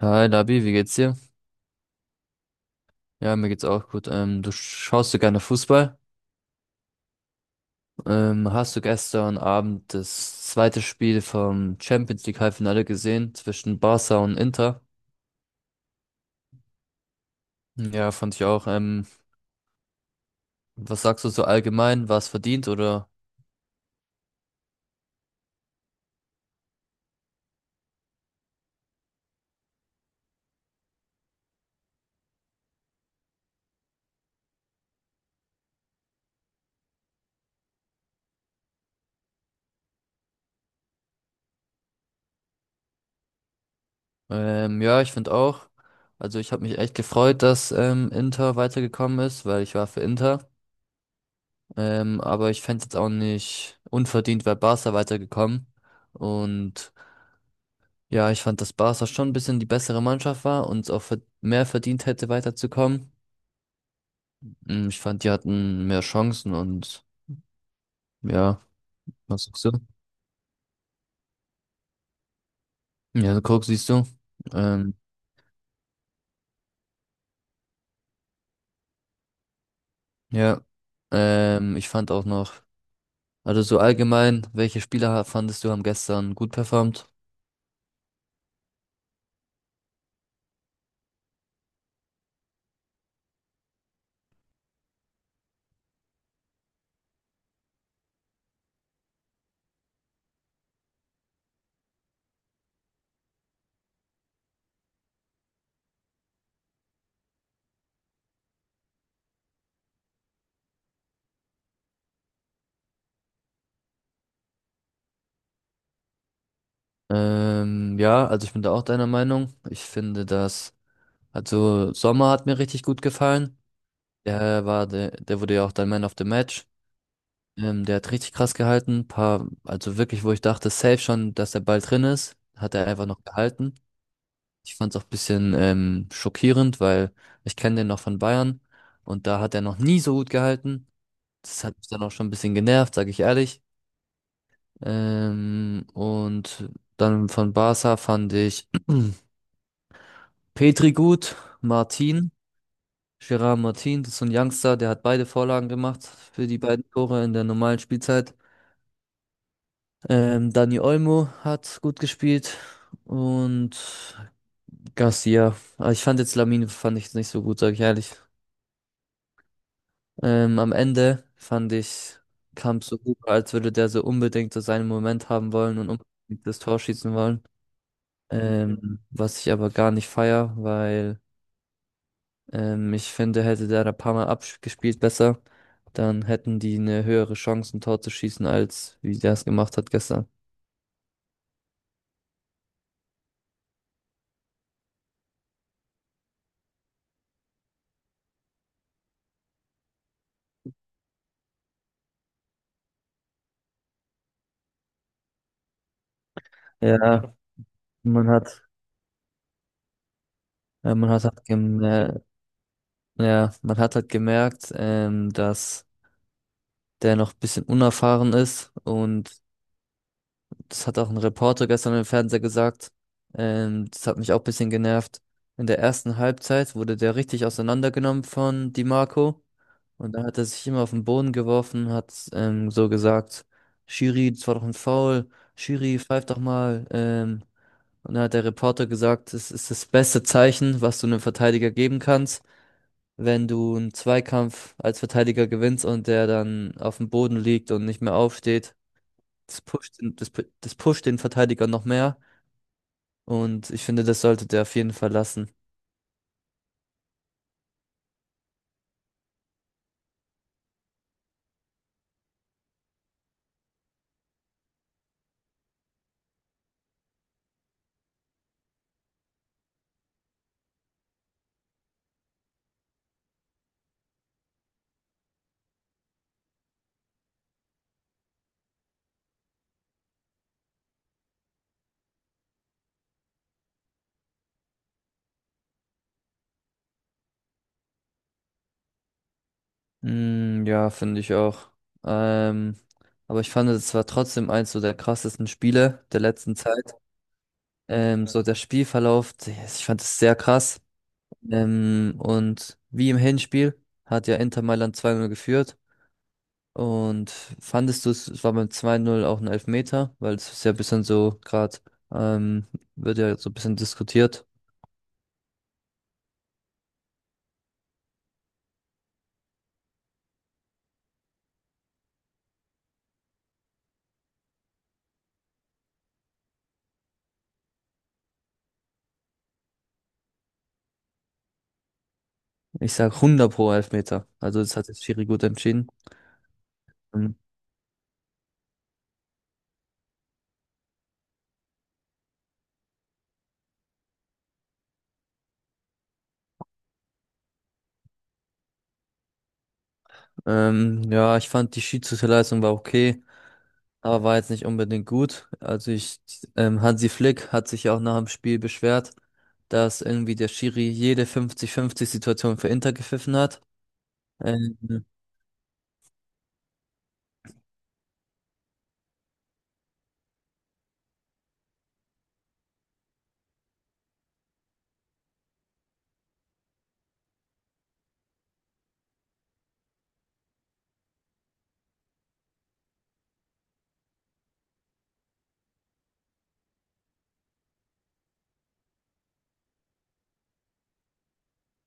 Hi Labi, wie geht's dir? Ja, mir geht's auch gut. Du schaust du gerne Fußball? Hast du gestern Abend das zweite Spiel vom Champions League Halbfinale gesehen zwischen Barca und Inter? Ja, fand ich auch. Was sagst du so allgemein? War es verdient oder? Ja, ich finde auch. Also ich habe mich echt gefreut, dass Inter weitergekommen ist, weil ich war für Inter. Aber ich fände es jetzt auch nicht unverdient, weil Barca weitergekommen. Und ja, ich fand, dass Barca schon ein bisschen die bessere Mannschaft war und es auch mehr verdient hätte, weiterzukommen. Ich fand, die hatten mehr Chancen und ja, was sagst du? Ja, so guck, siehst du. Ähm, ja, ich fand auch noch, also so allgemein, welche Spieler fandest du haben gestern gut performt? Ja, also ich bin da auch deiner Meinung. Ich finde, dass, also Sommer hat mir richtig gut gefallen. Der wurde ja auch dein Man of the Match. Der hat richtig krass gehalten. Paar, also wirklich, wo ich dachte, safe schon, dass der Ball drin ist, hat er einfach noch gehalten. Ich fand es auch ein bisschen schockierend, weil ich kenne den noch von Bayern und da hat er noch nie so gut gehalten. Das hat mich dann auch schon ein bisschen genervt, sage ich ehrlich. Und dann von Barca fand ich Petri gut, Martin, Gerard Martin, das ist so ein Youngster, der hat beide Vorlagen gemacht für die beiden Tore in der normalen Spielzeit. Dani Olmo hat gut gespielt und Garcia. Aber ich fand jetzt Lamine fand ich jetzt nicht so gut, sag ich ehrlich. Am Ende fand ich, kam so gut, als würde der so unbedingt so seinen Moment haben wollen und unbedingt das Tor schießen wollen. Was ich aber gar nicht feier, weil ich finde, hätte der da ein paar Mal abgespielt besser, dann hätten die eine höhere Chance, ein Tor zu schießen, als wie der es gemacht hat gestern. Ja, man hat, man hat halt gemerkt. Ja, man hat halt gemerkt, dass der noch ein bisschen unerfahren ist und das hat auch ein Reporter gestern im Fernseher gesagt. Das hat mich auch ein bisschen genervt. In der ersten Halbzeit wurde der richtig auseinandergenommen von Di Marco und dann hat er sich immer auf den Boden geworfen, hat so gesagt, Schiri, das war doch ein Foul, Schiri, pfeif doch mal. Und dann hat der Reporter gesagt, es ist das beste Zeichen, was du einem Verteidiger geben kannst, wenn du einen Zweikampf als Verteidiger gewinnst und der dann auf dem Boden liegt und nicht mehr aufsteht, das pusht den Verteidiger noch mehr. Und ich finde, das sollte der auf jeden Fall lassen. Mm, ja, finde ich auch. Ähm, aber ich fand, es war trotzdem eins so der krassesten Spiele der letzten Zeit. So der Spielverlauf, ich fand es sehr krass. Und wie im Hinspiel hat ja Inter Mailand 2:0 geführt. Und fandest du es, es war beim 2-0 auch ein Elfmeter, weil es ist ja ein bisschen so, gerade ähm, wird ja so ein bisschen diskutiert. Ich sag 100 pro Elfmeter. Also das hat jetzt Schiri gut entschieden. Mhm. Ja, ich fand die Schiedsrichterleistung war okay, aber war jetzt nicht unbedingt gut. Hansi Flick hat sich ja auch nach dem Spiel beschwert, dass irgendwie der Schiri jede 50-50-Situation für Inter gepfiffen hat. Ähm,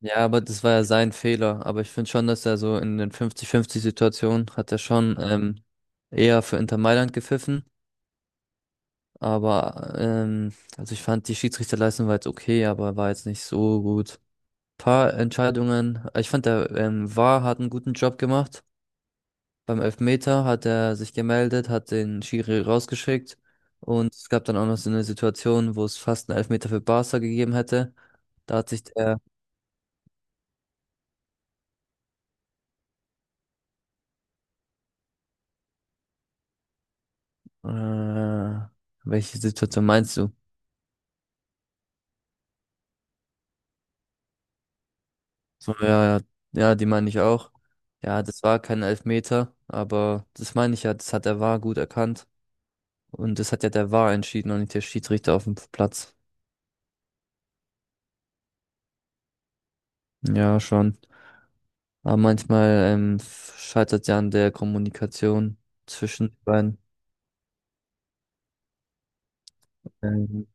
Ja, aber das war ja sein Fehler. Aber ich finde schon, dass er so in den 50-50-Situationen hat er schon eher für Inter Mailand gepfiffen. Aber also ich fand die Schiedsrichterleistung war jetzt okay, aber war jetzt nicht so gut. Paar Entscheidungen. Ich fand der VAR hat einen guten Job gemacht. Beim Elfmeter hat er sich gemeldet, hat den Schiri rausgeschickt. Und es gab dann auch noch so eine Situation, wo es fast einen Elfmeter für Barca gegeben hätte. Da hat sich der äh, Welche Situation meinst du? So, ja, ja, ja, die meine ich auch. Ja, das war kein Elfmeter, aber das meine ich ja, das hat der VAR gut erkannt. Und das hat ja der VAR entschieden und nicht der Schiedsrichter auf dem Platz. Ja, schon. Aber manchmal ähm, scheitert ja an der Kommunikation zwischen den beiden. Ähm,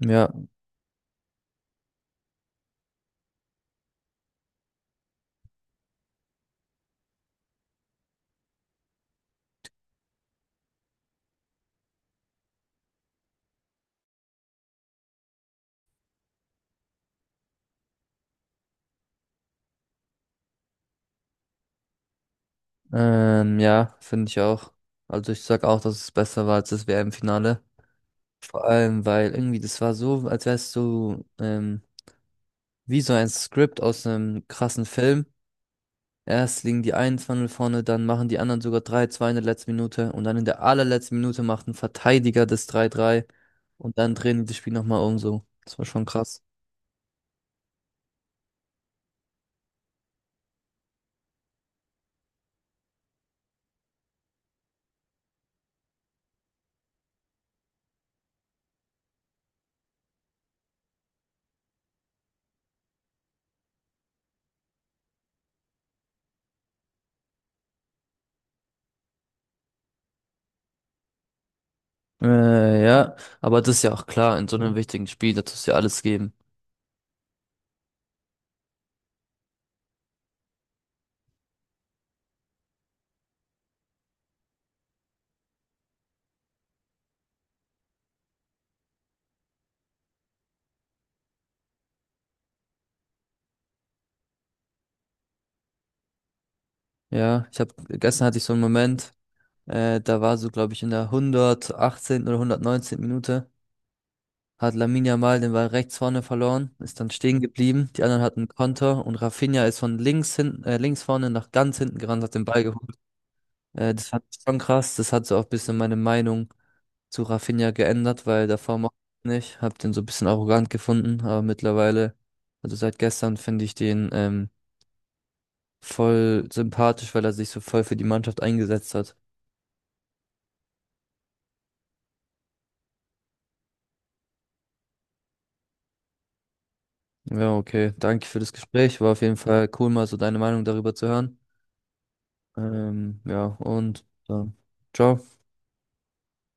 ja, ja, finde ich auch. Also ich sag auch, dass es besser war als das WM-Finale. Vor allem, weil irgendwie das war so, als wärst du wie so ein Skript aus einem krassen Film. Erst liegen die 21 vorne, dann machen die anderen sogar drei, zwei in der letzten Minute und dann in der allerletzten Minute macht ein Verteidiger das drei drei und dann drehen die das Spiel nochmal um so. Das war schon krass. Ja, aber das ist ja auch klar, in so einem wichtigen Spiel, da tust du ja alles geben. Ja, ich habe gestern hatte ich so einen Moment, da war so, glaube ich, in der 118. oder 119. Minute hat Lamine Yamal den Ball rechts vorne verloren, ist dann stehen geblieben, die anderen hatten einen Konter und Rafinha ist von links hinten, links vorne nach ganz hinten gerannt, hat den Ball. Das fand ich schon krass. Das hat so auch ein bisschen meine Meinung zu Rafinha geändert, weil davor mochte ich ihn nicht. Hab den so ein bisschen arrogant gefunden, aber mittlerweile, also seit gestern, finde ich den voll sympathisch, weil er sich so voll für die Mannschaft eingesetzt hat. Ja, okay. Danke für das Gespräch. War auf jeden Fall cool, mal so deine Meinung darüber zu hören. Ja, und dann, ciao.